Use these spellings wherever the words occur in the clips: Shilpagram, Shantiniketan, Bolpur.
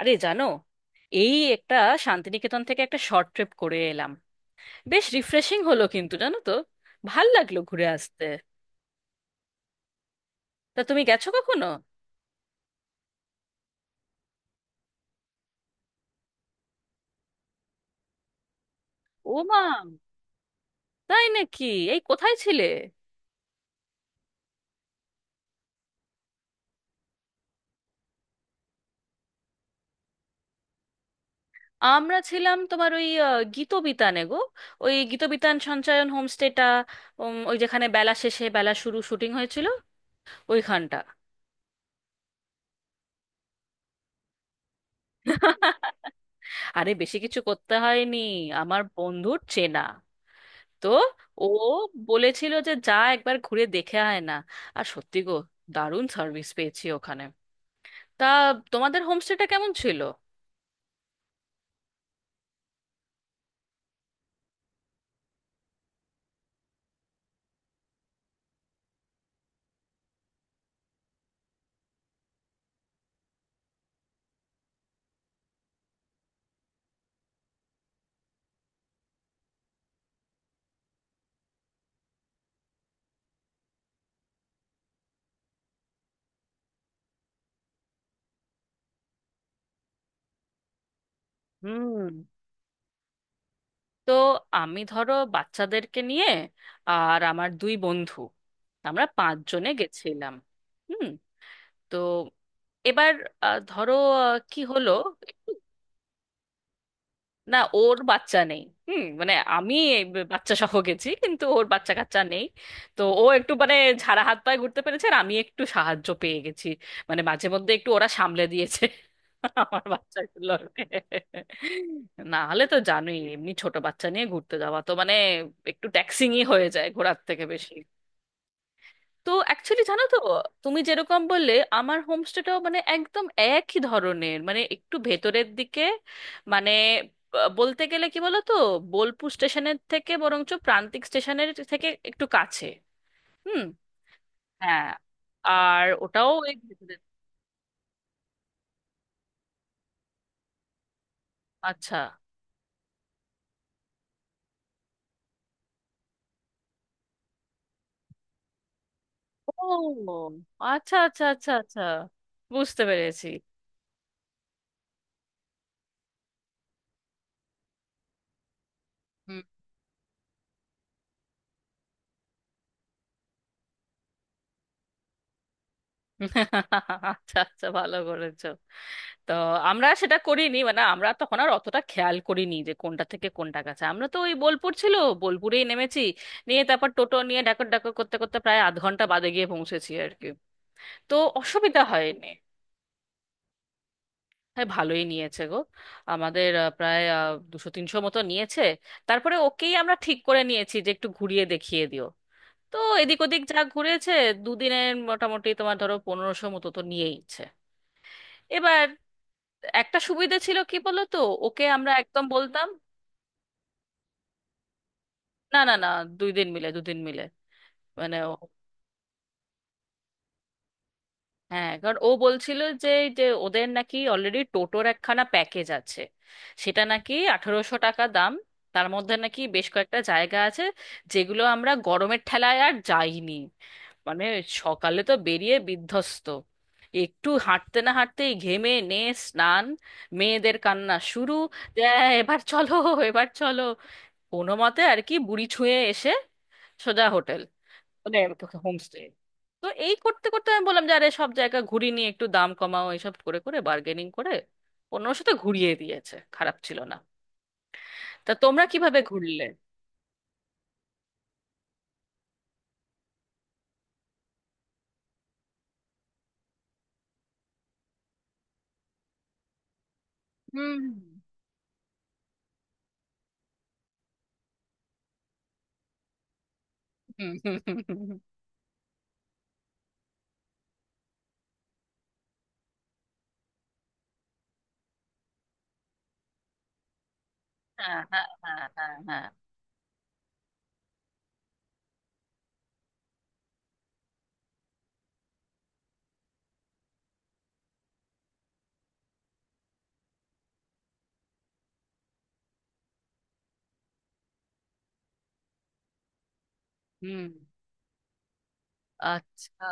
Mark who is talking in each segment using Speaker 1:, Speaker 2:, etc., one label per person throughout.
Speaker 1: আরে, জানো, এই একটা শান্তিনিকেতন থেকে একটা শর্ট ট্রিপ করে এলাম। বেশ রিফ্রেশিং হলো, কিন্তু জানো তো, ভাল লাগলো ঘুরে আসতে। তা তুমি গেছো কখনো? ও মা, তাই নাকি! এই, কোথায় ছিলে? আমরা ছিলাম তোমার ওই গীতবিতানে গো। ওই গীতবিতান সঞ্চায়ন হোমস্টেটা। ওই যেখানে বেলা শেষে বেলা শুরু শুটিং হয়েছিল, ওইখানটা। আরে, বেশি কিছু করতে হয়নি, আমার বন্ধুর চেনা। তো ও বলেছিল যে যা একবার ঘুরে দেখে আয় না। আর সত্যি গো, দারুণ সার্ভিস পেয়েছি ওখানে। তা তোমাদের হোমস্টেটা কেমন ছিল? হুম। তো আমি ধরো বাচ্চাদেরকে নিয়ে আর আমার দুই বন্ধু, আমরা পাঁচজনে গেছিলাম। হুম। তো এবার ধরো, কি হলো, না, ওর বাচ্চা নেই। হুম, মানে আমি এই বাচ্চা সহ গেছি, কিন্তু ওর বাচ্চা কাচ্চা নেই। তো ও একটু মানে ঝাড়া হাত পায়ে ঘুরতে পেরেছে, আর আমি একটু সাহায্য পেয়ে গেছি। মানে মাঝে মধ্যে একটু ওরা সামলে দিয়েছে আমার বাচ্চাগুলোকে। না হলে তো জানোই, এমনি ছোট বাচ্চা নিয়ে ঘুরতে যাওয়া তো মানে একটু ট্যাক্সিংই হয়ে যায় ঘোরার থেকে বেশি। তো অ্যাকচুয়ালি জানো তো, তুমি যেরকম বললে, আমার হোমস্টেটাও মানে একদম একই ধরনের, মানে একটু ভেতরের দিকে। মানে বলতে গেলে কি বলো তো, বোলপুর স্টেশনের থেকে বরঞ্চ প্রান্তিক স্টেশনের থেকে একটু কাছে। হুম, হ্যাঁ। আর ওটাও ওই ভেতরের। আচ্ছা, ও আচ্ছা আচ্ছা আচ্ছা আচ্ছা, বুঝতে পেরেছি। আচ্ছা আচ্ছা, ভালো করেছো। তো আমরা সেটা করিনি, মানে আমরা তখন আর অতটা খেয়াল করিনি যে কোনটা থেকে কোনটা কাছে। আমরা তো ওই বোলপুর ছিল, বোলপুরেই নেমেছি, নিয়ে তারপর টোটো নিয়ে ডাকর ডাকর করতে করতে প্রায় আধ ঘন্টা বাদে গিয়ে পৌঁছেছি আর কি। তো অসুবিধা হয়নি। হ্যাঁ, ভালোই নিয়েছে গো। আমাদের প্রায় 200 300 মতো নিয়েছে। তারপরে ওকেই আমরা ঠিক করে নিয়েছি যে একটু ঘুরিয়ে দেখিয়ে দিও। তো এদিক ওদিক যা ঘুরেছে, দুদিনের মোটামুটি তোমার ধরো 1500 মতো তো নিয়েইছে। এবার একটা সুবিধা ছিল কি বলতো, ওকে আমরা একদম বলতাম। না না না, দুই দিন মিলে দুদিন মিলে, মানে ও। হ্যাঁ, কারণ ও বলছিল যে, যে ওদের নাকি অলরেডি টোটোর একখানা প্যাকেজ আছে, সেটা নাকি 1800 টাকা দাম। তার মধ্যে নাকি বেশ কয়েকটা জায়গা আছে, যেগুলো আমরা গরমের ঠেলায় আর যাইনি। মানে সকালে তো বেরিয়ে বিধ্বস্ত, একটু হাঁটতে না হাঁটতেই ঘেমে নে স্নান, মেয়েদের কান্না শুরু যে, "এ, এবার চলো, এবার চলো।" কোনো মতে আর কি বুড়ি ছুঁয়ে এসে সোজা হোটেল, মানে হোমস্টে। তো এই করতে করতে আমি বললাম যে আরে সব জায়গা ঘুরি নিয়ে একটু দাম কমাও, এইসব করে করে বার্গেনিং করে 1500 তো ঘুরিয়ে দিয়েছে, খারাপ ছিল না। তা তোমরা কিভাবে ঘুরলে? হুম হুম হুম হুম, হুম, হুম। হ্যাঁ হ্যাঁ হ্যাঁ হ্যাঁ হ্যাঁ। হুম। আচ্ছা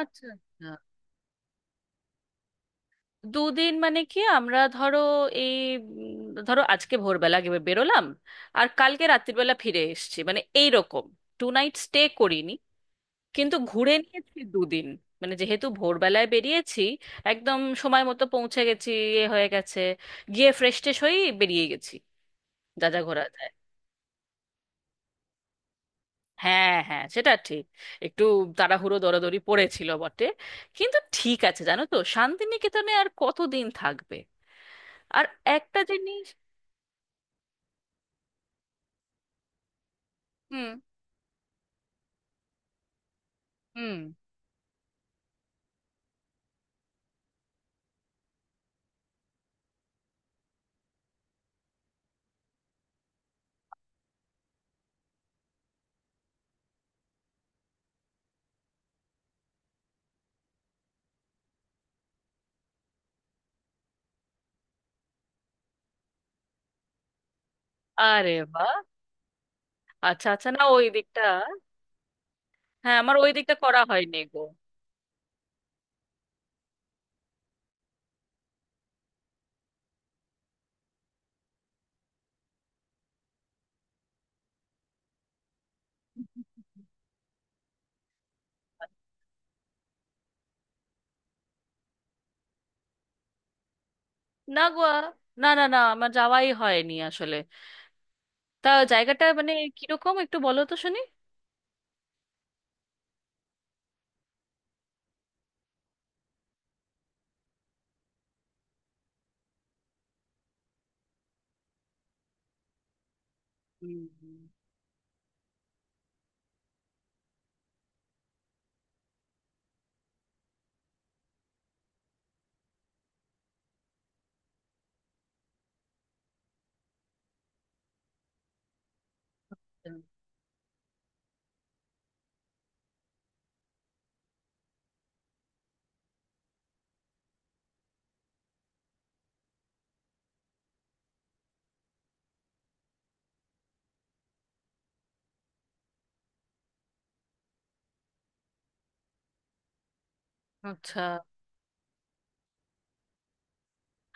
Speaker 1: আচ্ছা আচ্ছা। দুদিন মানে কি, আমরা ধরো এই, উম, ধরো আজকে ভোরবেলা বেরোলাম, আর কালকে রাত্রিবেলা ফিরে এসেছি, মানে এই রকম। টু নাইট স্টে করিনি, কিন্তু ঘুরে নিয়েছি দুদিন। মানে যেহেতু ভোরবেলায় বেরিয়েছি, একদম সময় মতো পৌঁছে গেছি, এ হয়ে গেছে, গিয়ে ফ্রেশ ট্রেশ হয়েই বেরিয়ে গেছি, যা যা ঘোরা যায়। হ্যাঁ হ্যাঁ, সেটা ঠিক, একটু তাড়াহুড়ো দরাদরি পড়েছিল বটে, কিন্তু ঠিক আছে, জানো তো শান্তিনিকেতনে আর কতদিন থাকবে। আর একটা জিনিস। হুম হুম। আরে বা! আচ্ছা আচ্ছা, না ওই দিকটা, হ্যাঁ আমার ওই দিকটা করা হয়নি গো। না গো, না না না, আমার যাওয়াই হয়নি আসলে। তা জায়গাটা মানে কিরকম, একটু বলো তো শুনি। হুম, হুম। আচ্ছা।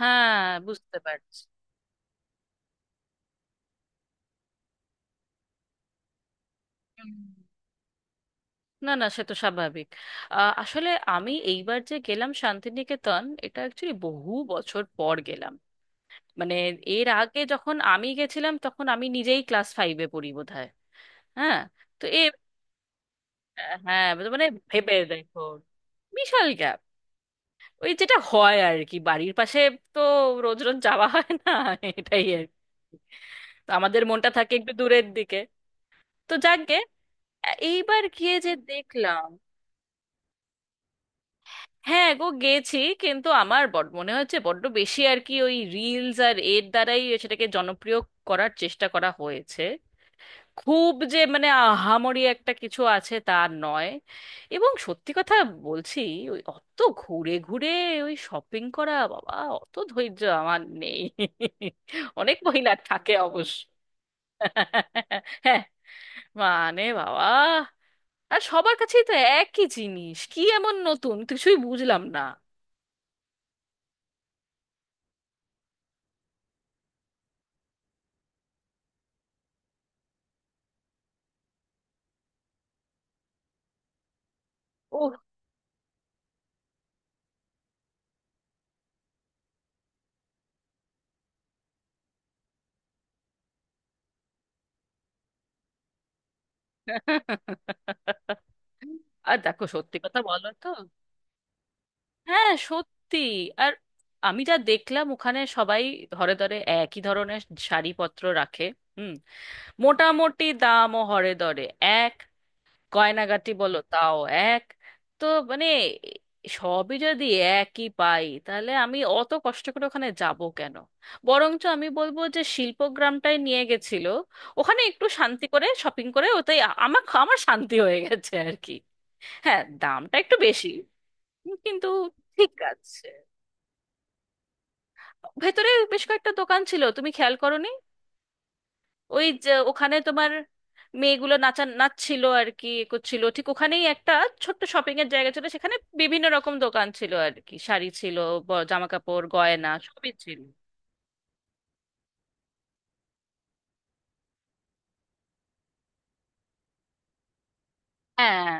Speaker 1: হ্যাঁ, বুঝতে পারছি। হুম। না না, সে তো স্বাভাবিক। আসলে আমি এইবার যে গেলাম শান্তিনিকেতন, এটা অ্যাকচুয়ালি বহু বছর পর গেলাম। মানে এর আগে যখন আমি গেছিলাম তখন আমি নিজেই ক্লাস ফাইভে পড়ি বোধহয়। হ্যাঁ, তো এ, হ্যাঁ, মানে মানে ভেবে দেখো, বিশাল গ্যাপ। ওই যেটা হয় আর কি, বাড়ির পাশে, তো রোজ রোজ যাওয়া হয় না, এটাই আর কি। তো আমাদের মনটা থাকে একটু দূরের দিকে। তো যাকগে, এইবার গিয়ে যে দেখলাম, হ্যাঁ গো গেছি, কিন্তু আমার বড মনে হচ্ছে বড্ড বেশি আর কি ওই রিলস আর এর দ্বারাই সেটাকে জনপ্রিয় করার চেষ্টা করা হয়েছে। খুব যে মানে আহামরি একটা কিছু আছে তা নয়। এবং সত্যি কথা বলছি, ওই অত ঘুরে ঘুরে ওই শপিং করা বাবা, অত ধৈর্য আমার নেই। অনেক মহিলা থাকে অবশ্য। হ্যাঁ, মানে বাবা, আর সবার কাছেই তো একই জিনিস, কি এমন নতুন কিছুই বুঝলাম না। ও, আর দেখো, সত্যি কথা বলো তো। হ্যাঁ সত্যি। আর আমি যা দেখলাম ওখানে সবাই ধরে ধরে একই ধরনের শাড়িপত্র রাখে। হুম। মোটামুটি দামও হরে ধরে এক, গয়নাগাটি বলো তাও এক। তো মানে সবই যদি একই পাই, তাহলে আমি অত কষ্ট করে ওখানে যাব কেন। বরঞ্চ আমি বলবো যে শিল্পগ্রামটাই নিয়ে গেছিল, ওখানে একটু শান্তি করে শপিং করে ওটাই আমার আমার শান্তি হয়ে গেছে আর কি। হ্যাঁ দামটা একটু বেশি, কিন্তু ঠিক আছে। ভেতরে বেশ কয়েকটা দোকান ছিল, তুমি খেয়াল করোনি? ওই যে ওখানে তোমার মেয়েগুলো নাচা নাচছিল আর কি করছিল, ঠিক ওখানেই একটা ছোট্ট শপিং এর জায়গা ছিল, সেখানে বিভিন্ন রকম দোকান ছিল আর কি, শাড়ি ছিল, জামা কাপড় গয়না সবই ছিল। হ্যাঁ।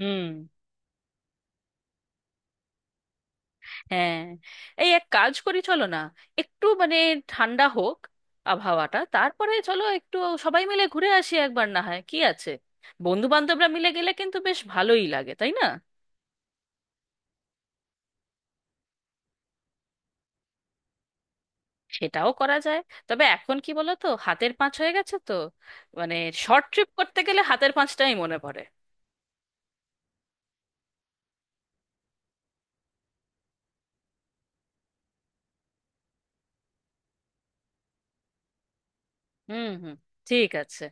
Speaker 1: হুম। হ্যাঁ, এই এক কাজ করি, চলো না, একটু মানে ঠান্ডা হোক আবহাওয়াটা, তারপরে চলো একটু সবাই মিলে ঘুরে আসি একবার, না হয় কি আছে। বন্ধু বান্ধবরা মিলে গেলে কিন্তু বেশ ভালোই লাগে, তাই না? সেটাও করা যায়। তবে এখন কি বলো তো, হাতের পাঁচ হয়ে গেছে তো, মানে শর্ট ট্রিপ করতে গেলে হাতের পাঁচটাই মনে পড়ে। হুম হুম, ঠিক আছে।